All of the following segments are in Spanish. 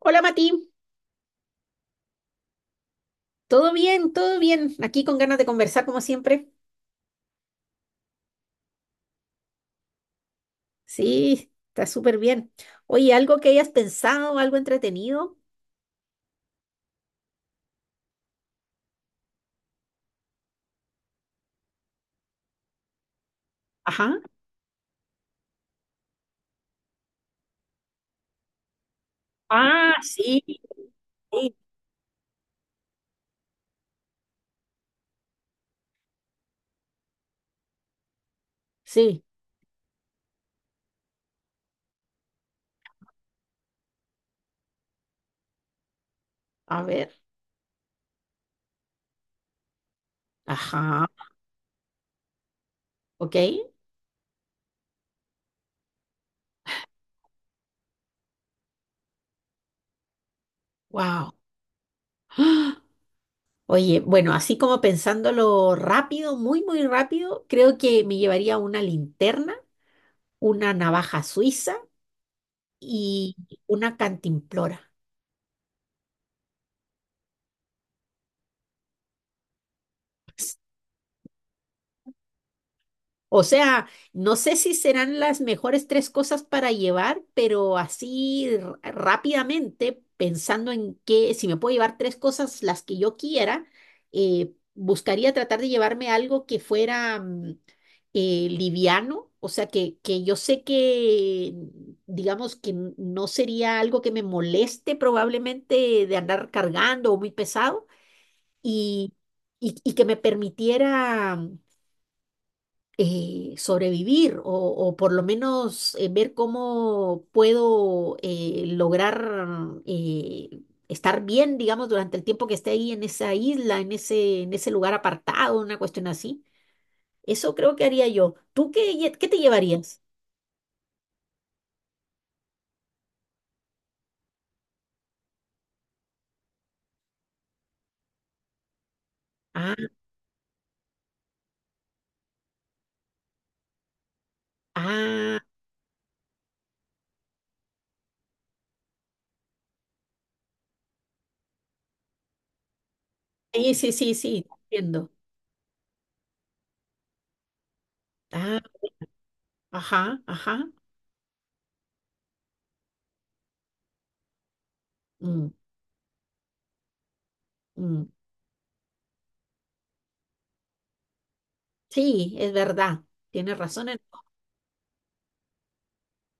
Hola Mati, todo bien, todo bien. Aquí con ganas de conversar como siempre. Sí, está súper bien. Oye, ¿algo que hayas pensado, algo entretenido? Ajá. Ah, sí, sí, sí. A ver. Ajá. Ok. Wow. Oye, bueno, así como pensándolo rápido, muy, muy rápido, creo que me llevaría una linterna, una navaja suiza y una cantimplora. O sea, no sé si serán las mejores tres cosas para llevar, pero así rápidamente, pensando en que si me puedo llevar tres cosas las que yo quiera, buscaría tratar de llevarme algo que fuera liviano, o sea, que yo sé que, digamos, que no sería algo que me moleste probablemente de andar cargando o muy pesado y, y que me permitiera sobrevivir o por lo menos ver cómo puedo lograr eh, estar bien, digamos, durante el tiempo que esté ahí en esa isla, en ese lugar apartado, una cuestión así. Eso creo que haría yo. ¿Tú qué, qué te llevarías? Ah, ah, sí, sí, sí, sí, entiendo. Ah, ajá, ajá. Mm, mm. Sí, es verdad. Tienes razón en...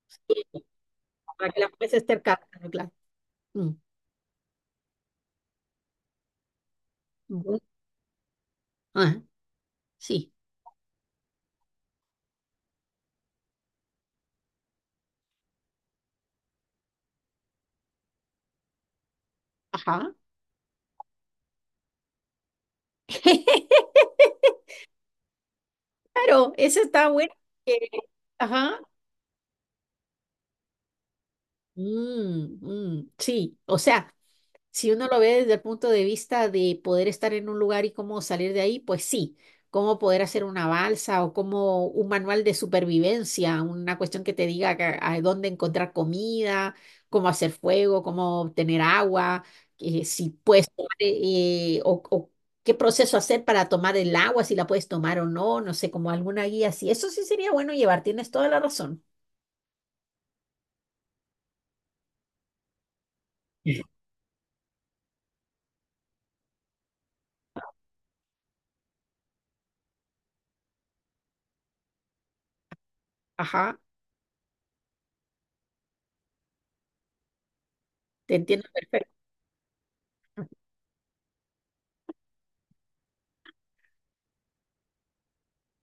Sí, para que la puedas estar claro. Mm, mm. Ah, sí. Ajá. Claro, eso está bueno. que- Ajá. Mm, mm, sí, o sea, si uno lo ve desde el punto de vista de poder estar en un lugar y cómo salir de ahí, pues sí, cómo poder hacer una balsa o como un manual de supervivencia, una cuestión que te diga a dónde encontrar comida, cómo hacer fuego, cómo obtener agua, si puedes tomar, o qué proceso hacer para tomar el agua, si la puedes tomar o no, no sé, como alguna guía así. Eso sí sería bueno llevar, tienes toda la razón. Sí. Ajá, te entiendo.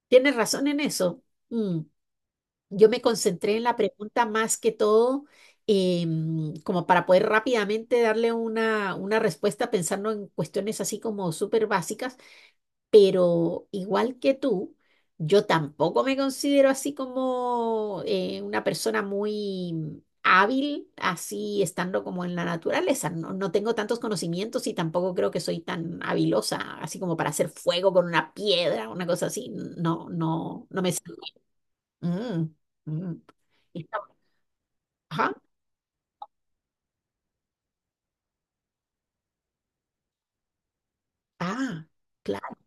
Tienes razón en eso. Mm. Yo me concentré en la pregunta más que todo, como para poder rápidamente darle una respuesta pensando en cuestiones así como súper básicas, pero igual que tú, yo tampoco me considero así como una persona muy hábil, así estando como en la naturaleza. No, no tengo tantos conocimientos y tampoco creo que soy tan habilosa, así como para hacer fuego con una piedra, una cosa así. No, no, no me... sale. Mm, mm. Está- Ajá. Ah, claro.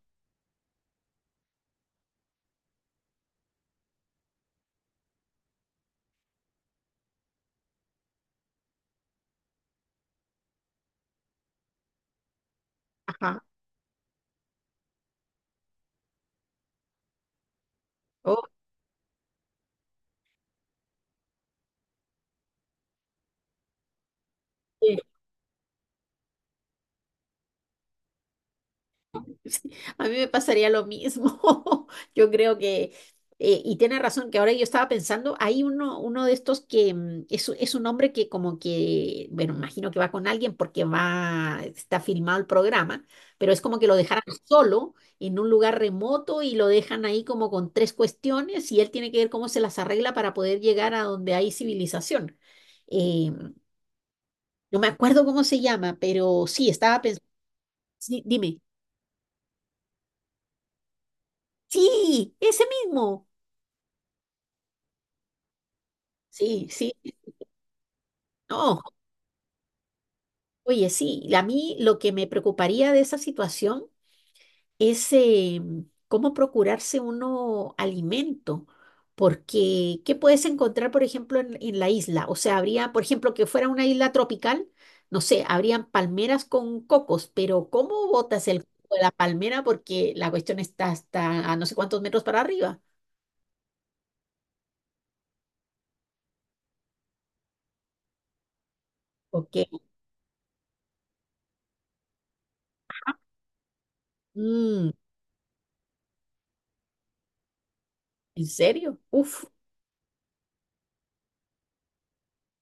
Ajá. Oye, sí, a mí me pasaría lo mismo. Yo creo que, y tiene razón, que ahora yo estaba pensando, hay uno, uno de estos que es un hombre que como que, bueno, imagino que va con alguien porque va, está filmado el programa, pero es como que lo dejaran solo en un lugar remoto y lo dejan ahí como con tres cuestiones y él tiene que ver cómo se las arregla para poder llegar a donde hay civilización. Eh, No me acuerdo cómo se llama, pero sí, estaba pensando. Sí, dime. Sí, ese mismo. Sí, sí. No, oye, sí. A mí lo que me preocuparía de esa situación es cómo procurarse uno alimento. Porque, ¿qué puedes encontrar, por ejemplo, en la isla? O sea, habría, por ejemplo, que fuera una isla tropical, no sé, habrían palmeras con cocos, pero ¿cómo botas el coco de la palmera? Porque la cuestión está hasta a no sé cuántos metros para arriba. Ok. Mm. ¿En serio? Uf,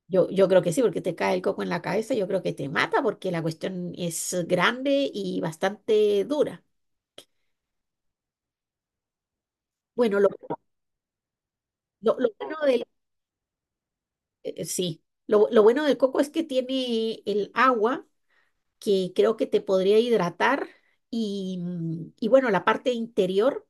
yo creo que sí, porque te cae el coco en la cabeza, yo creo que te mata porque la cuestión es grande y bastante dura. Bueno, lo bueno sí, lo bueno del coco es que tiene el agua que creo que te podría hidratar y, y bueno, la parte interior.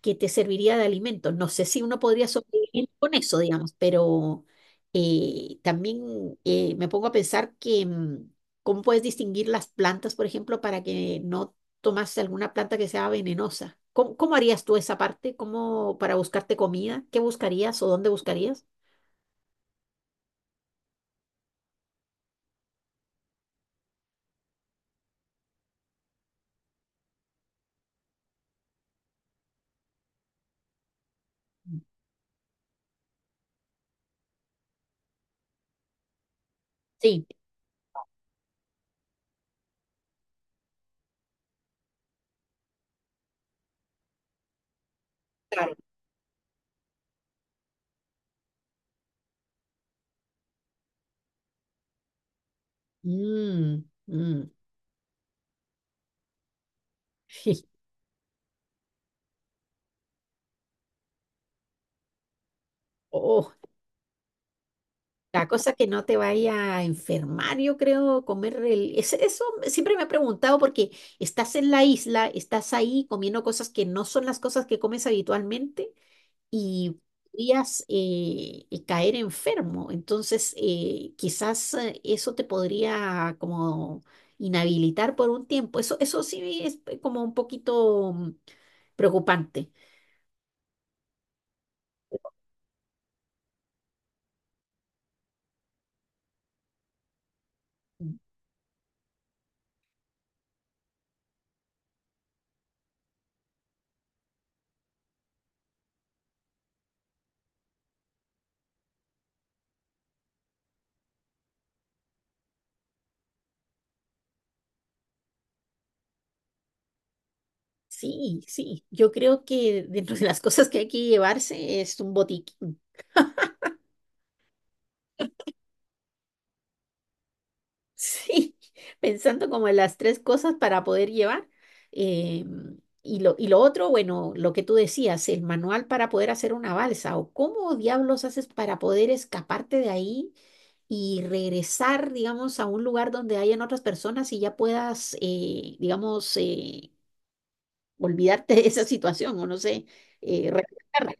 Que te serviría de alimento. No sé si uno podría sobrevivir con eso, digamos, pero también me pongo a pensar que cómo puedes distinguir las plantas, por ejemplo, para que no tomas alguna planta que sea venenosa. ¿Cómo, cómo harías tú esa parte? ¿Cómo para buscarte comida? ¿Qué buscarías o dónde buscarías? Sí, claro. Mm, mm. Oh. La cosa es que no te vaya a enfermar, yo creo, comer el... Eso siempre me he preguntado porque estás en la isla, estás ahí comiendo cosas que no son las cosas que comes habitualmente y podrías caer enfermo. Entonces, quizás eso te podría como inhabilitar por un tiempo. Eso sí es como un poquito preocupante. Sí, sí, yo creo que dentro de las cosas que hay que llevarse es un botiquín. Sí, pensando como en las tres cosas para poder llevar. Eh, y lo otro, bueno, lo que tú decías, el manual para poder hacer una balsa o cómo diablos haces para poder escaparte de ahí y regresar, digamos, a un lugar donde hayan otras personas y ya puedas, digamos, olvidarte de esa situación o no sé, reflejarla.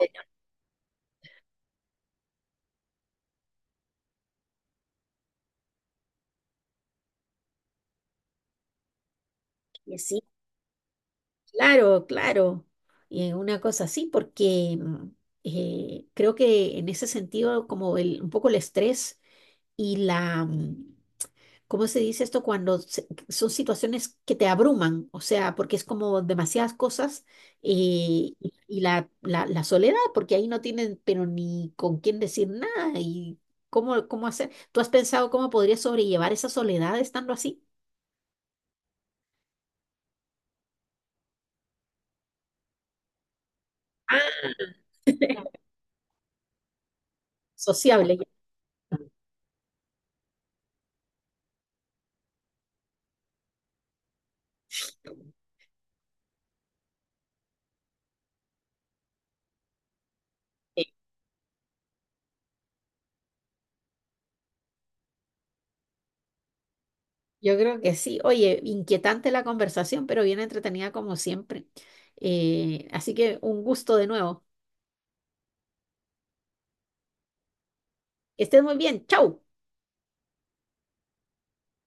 Claro, claro, una cosa así, porque creo que en ese sentido, como el, un poco el estrés y ¿cómo se dice esto? Cuando son situaciones que te abruman, o sea, porque es como demasiadas cosas eh, y la soledad, porque ahí no tienen, pero ni con quién decir nada y cómo, cómo hacer. ¿Tú has pensado cómo podrías sobrellevar esa soledad estando así? Ah, sociable. Ya. Yo creo que sí. Oye, inquietante la conversación, pero bien entretenida como siempre. Así que un gusto de nuevo. Que estés muy bien. Chau.